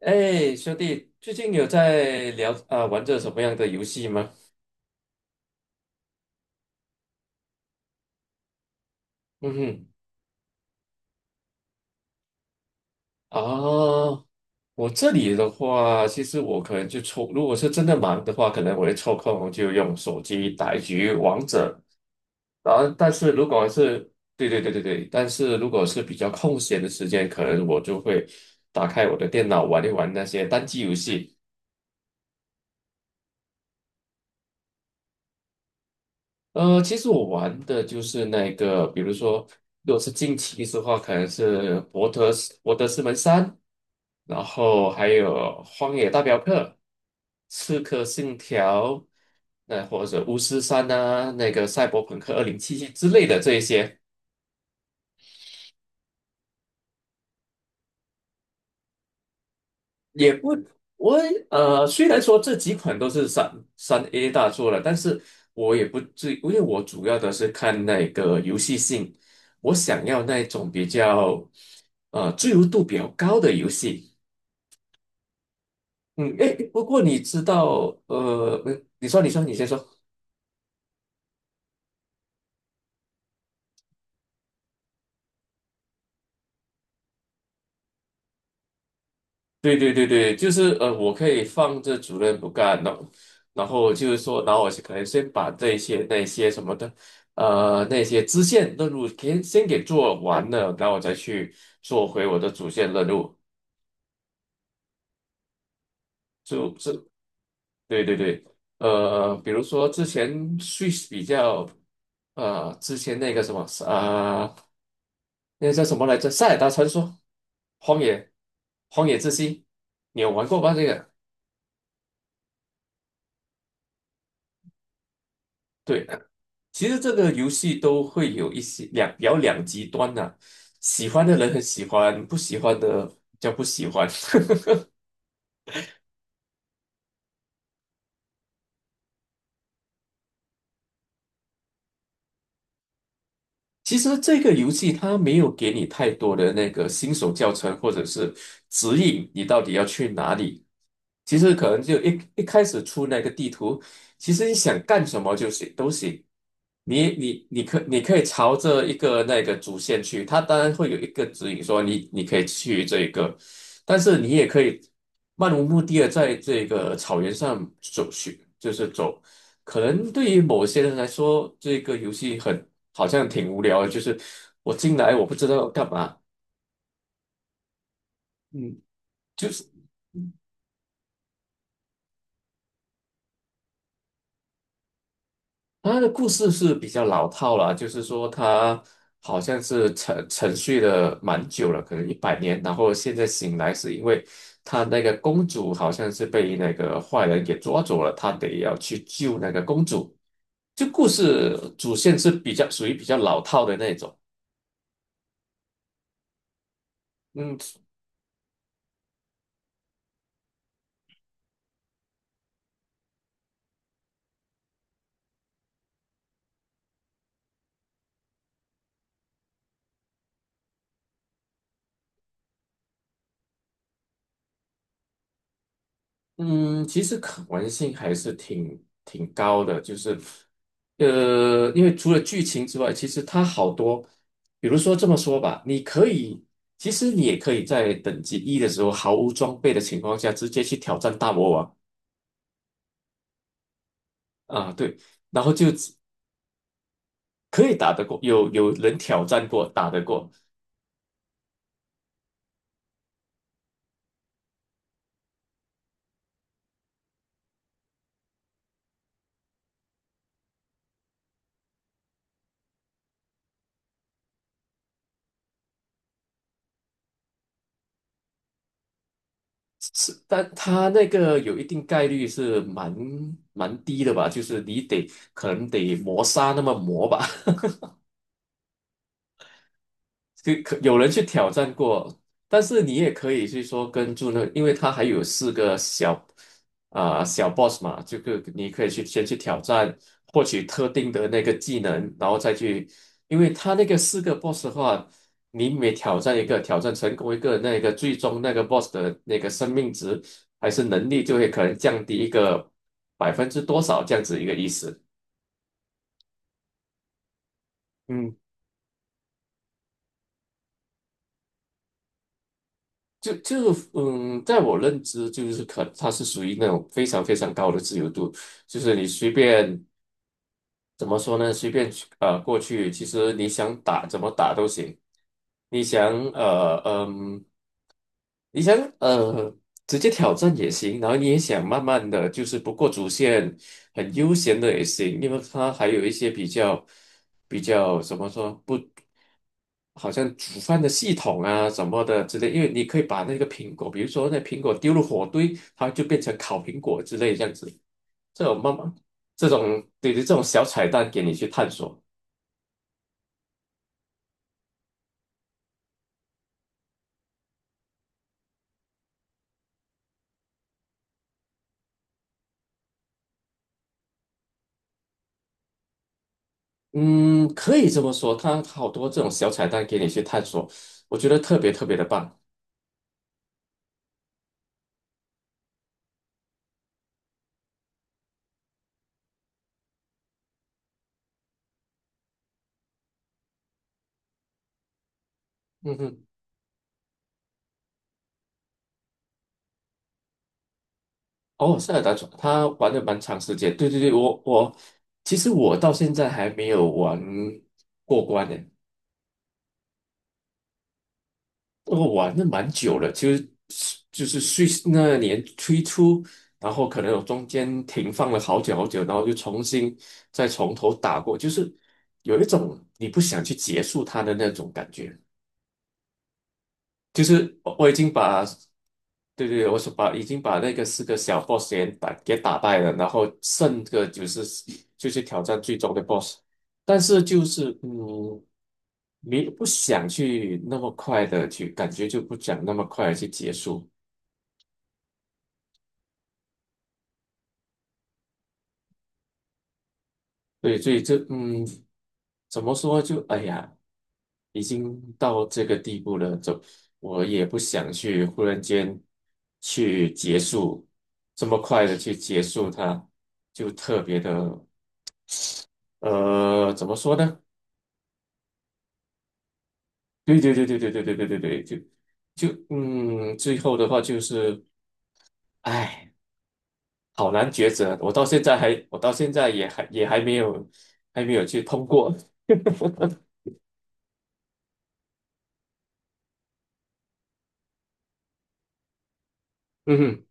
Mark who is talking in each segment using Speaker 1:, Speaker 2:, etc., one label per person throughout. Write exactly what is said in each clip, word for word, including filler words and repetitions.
Speaker 1: 哎，兄弟，最近有在聊啊、玩着什么样的游戏吗？嗯哼。啊，我这里的话，其实我可能就抽，如果是真的忙的话，可能我会抽空就用手机打一局王者。然后，但是如果是对对对对对，但是如果是比较空闲的时间，可能我就会打开我的电脑玩一玩那些单机游戏。呃，其实我玩的就是那个，比如说，如果是近期的话，可能是博德斯博德之门三，然后还有荒野大镖客、刺客信条，那或者巫师三啊，那个赛博朋克二零七七之类的这一些。也不，我呃，虽然说这几款都是三三 A 大作了，但是我也不至，因为我主要的是看那个游戏性，我想要那种比较呃自由度比较高的游戏。嗯，诶，不过你知道，呃，你说，你说，你先说。对对对对，就是呃，我可以放着主任不干，然后然后就是说，然后我可能先把这些那些什么的，呃，那些支线任务先先给做完了，然后我再去做回我的主线任务。就这，对对对，呃，比如说之前 Switch 比较，呃，之前那个什么啊、呃那个叫什么来着，《塞尔达传说》、《荒野》、《荒野之息》，你有玩过吧？这个？对。其实这个游戏都会有一些两比较两极端呐、喜欢的人很喜欢，不喜欢的叫不喜欢。其实这个游戏它没有给你太多的那个新手教程或者是指引，你到底要去哪里。其实可能就一一开始出那个地图，其实你想干什么就行都行。你你你可你可以朝着一个那个主线去，它当然会有一个指引说你你可以去这个，但是你也可以漫无目的的在这个草原上走去，就是走。可能对于某些人来说，这个游戏很好像挺无聊的，就是我进来我不知道要干嘛。嗯，就是它的故事是比较老套了，就是说它好像是沉沉睡了蛮久了，可能一百年，然后现在醒来是因为他那个公主好像是被那个坏人给抓走了，他得要去救那个公主。就故事主线是比较属于比较老套的那种。嗯。嗯，其实可玩性还是挺挺高的，就是呃，因为除了剧情之外，其实它好多，比如说这么说吧，你可以，其实你也可以在等级一的时候毫无装备的情况下，直接去挑战大魔王啊，对，然后就只可以打得过，有有人挑战过，打得过。但他那个有一定概率是蛮蛮低的吧，就是你得可能得磨砂那么磨吧。就可有人去挑战过，但是你也可以去说跟住那个，因为他还有四个小啊、小 boss 嘛，就个你可以去先去挑战，获取特定的那个技能，然后再去，因为他那个四个 boss 的话，你每挑战一个，挑战成功一个，那个最终那个 boss 的那个生命值还是能力就会可能降低一个百分之多少这样子一个意思。嗯。就就嗯，在我认知就是可，它是属于那种非常非常高的自由度，就是你随便，怎么说呢，随便去呃过去，其实你想打怎么打都行，你想呃嗯。你想呃直接挑战也行，然后你也想慢慢的就是不过主线，很悠闲的也行，因为它还有一些比较比较怎么说不，好像煮饭的系统啊什么的之类，因为你可以把那个苹果，比如说那苹果丢入火堆，它就变成烤苹果之类这样子，这种慢慢这种对对，这种小彩蛋给你去探索。嗯，可以这么说，它好多这种小彩蛋给你去探索，我觉得特别特别的棒。嗯哼。哦，塞尔达传他玩了蛮长时间，对对对，我我其实我到现在还没有玩过关呢。我玩了蛮久了，其实就是 Switch 那年推出，然后可能有中间停放了好久好久，然后就重新再从头打过，就是有一种你不想去结束它的那种感觉。就是我我已经把，对对，我是把已经把那个四个小 boss 给打给打败了，然后剩个就是就是挑战最终的 boss，但是就是嗯，没不想去那么快的去，感觉就不想那么快的去结束。对，所以这嗯。怎么说就哎呀，已经到这个地步了，怎我也不想去忽然间去结束这么快的去结束它，就特别的呃，怎么说呢？对对对对对对对对对对，就就嗯，最后的话就是，哎，好难抉择，我到现在还我到现在也还也还没有还没有去通过。嗯哼。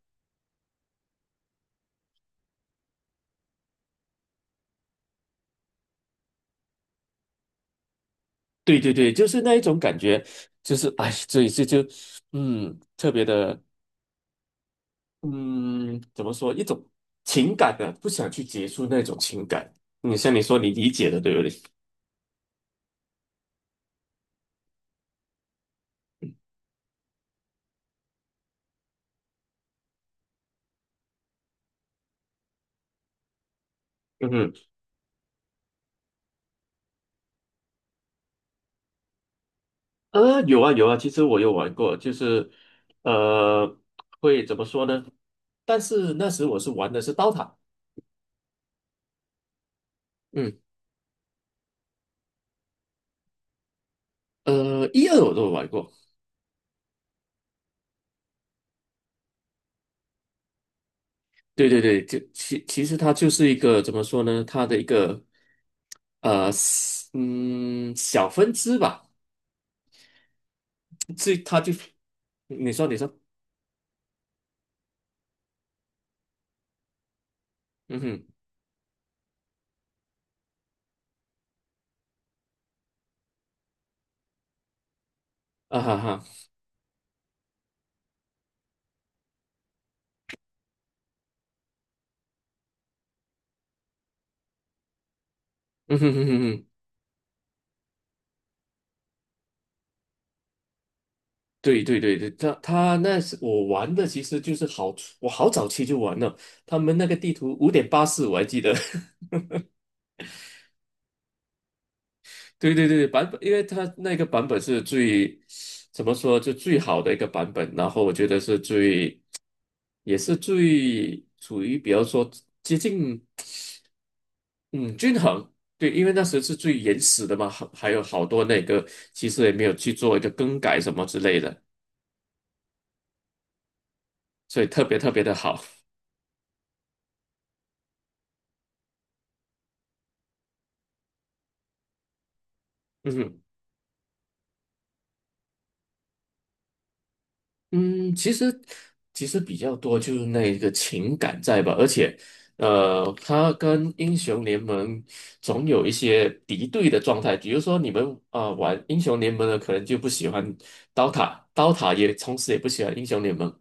Speaker 1: 对对对，就是那一种感觉，就是哎，所以这就嗯，特别的嗯，怎么说，一种情感的，不想去结束那种情感。你像你说你理解的，对不对？嗯。啊，有啊有啊，其实我有玩过，就是呃，会怎么说呢？但是那时我是玩的是刀塔。嗯，呃，一二我都有玩过。对对对，就其其实它就是一个怎么说呢？它的一个呃，嗯，小分支吧。这他就你说你说。嗯哼，啊哈哈，嗯哼哼哼，嗯哼。对对对对，他他那是我玩的，其实就是好，我好早期就玩了，他们那个地图五点八四我还记得。对对对对，版本，因为它那个版本是最怎么说，就最好的一个版本，然后我觉得是最也是最处于比较说接近。嗯，均衡。对，因为那时候是最原始的嘛，还还有好多那个，其实也没有去做一个更改什么之类的，所以特别特别的好。嗯哼。嗯，其实其实比较多就是那个情感在吧，而且呃，他跟英雄联盟总有一些敌对的状态，比如说你们啊、呃玩英雄联盟的可能就不喜欢刀塔，刀塔也同时也不喜欢英雄联盟。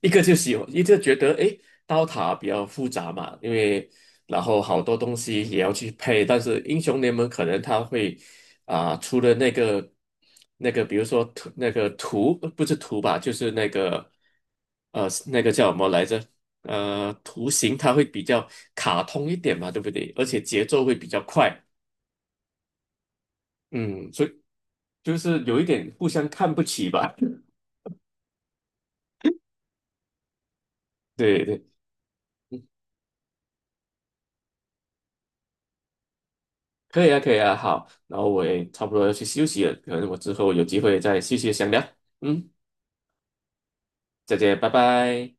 Speaker 1: 一个就喜欢，一个觉得诶，刀塔比较复杂嘛，因为然后好多东西也要去配，但是英雄联盟可能它会啊、出了那个那个，比如说图，那个图呃不是图吧，就是那个呃那个叫什么来着？呃，图形它会比较卡通一点嘛，对不对？而且节奏会比较快。嗯，所以就是有一点互相看不起吧。对对。可以啊，可以啊，好，然后我也差不多要去休息了，可能我之后有机会再继续详聊。嗯，再见，拜拜。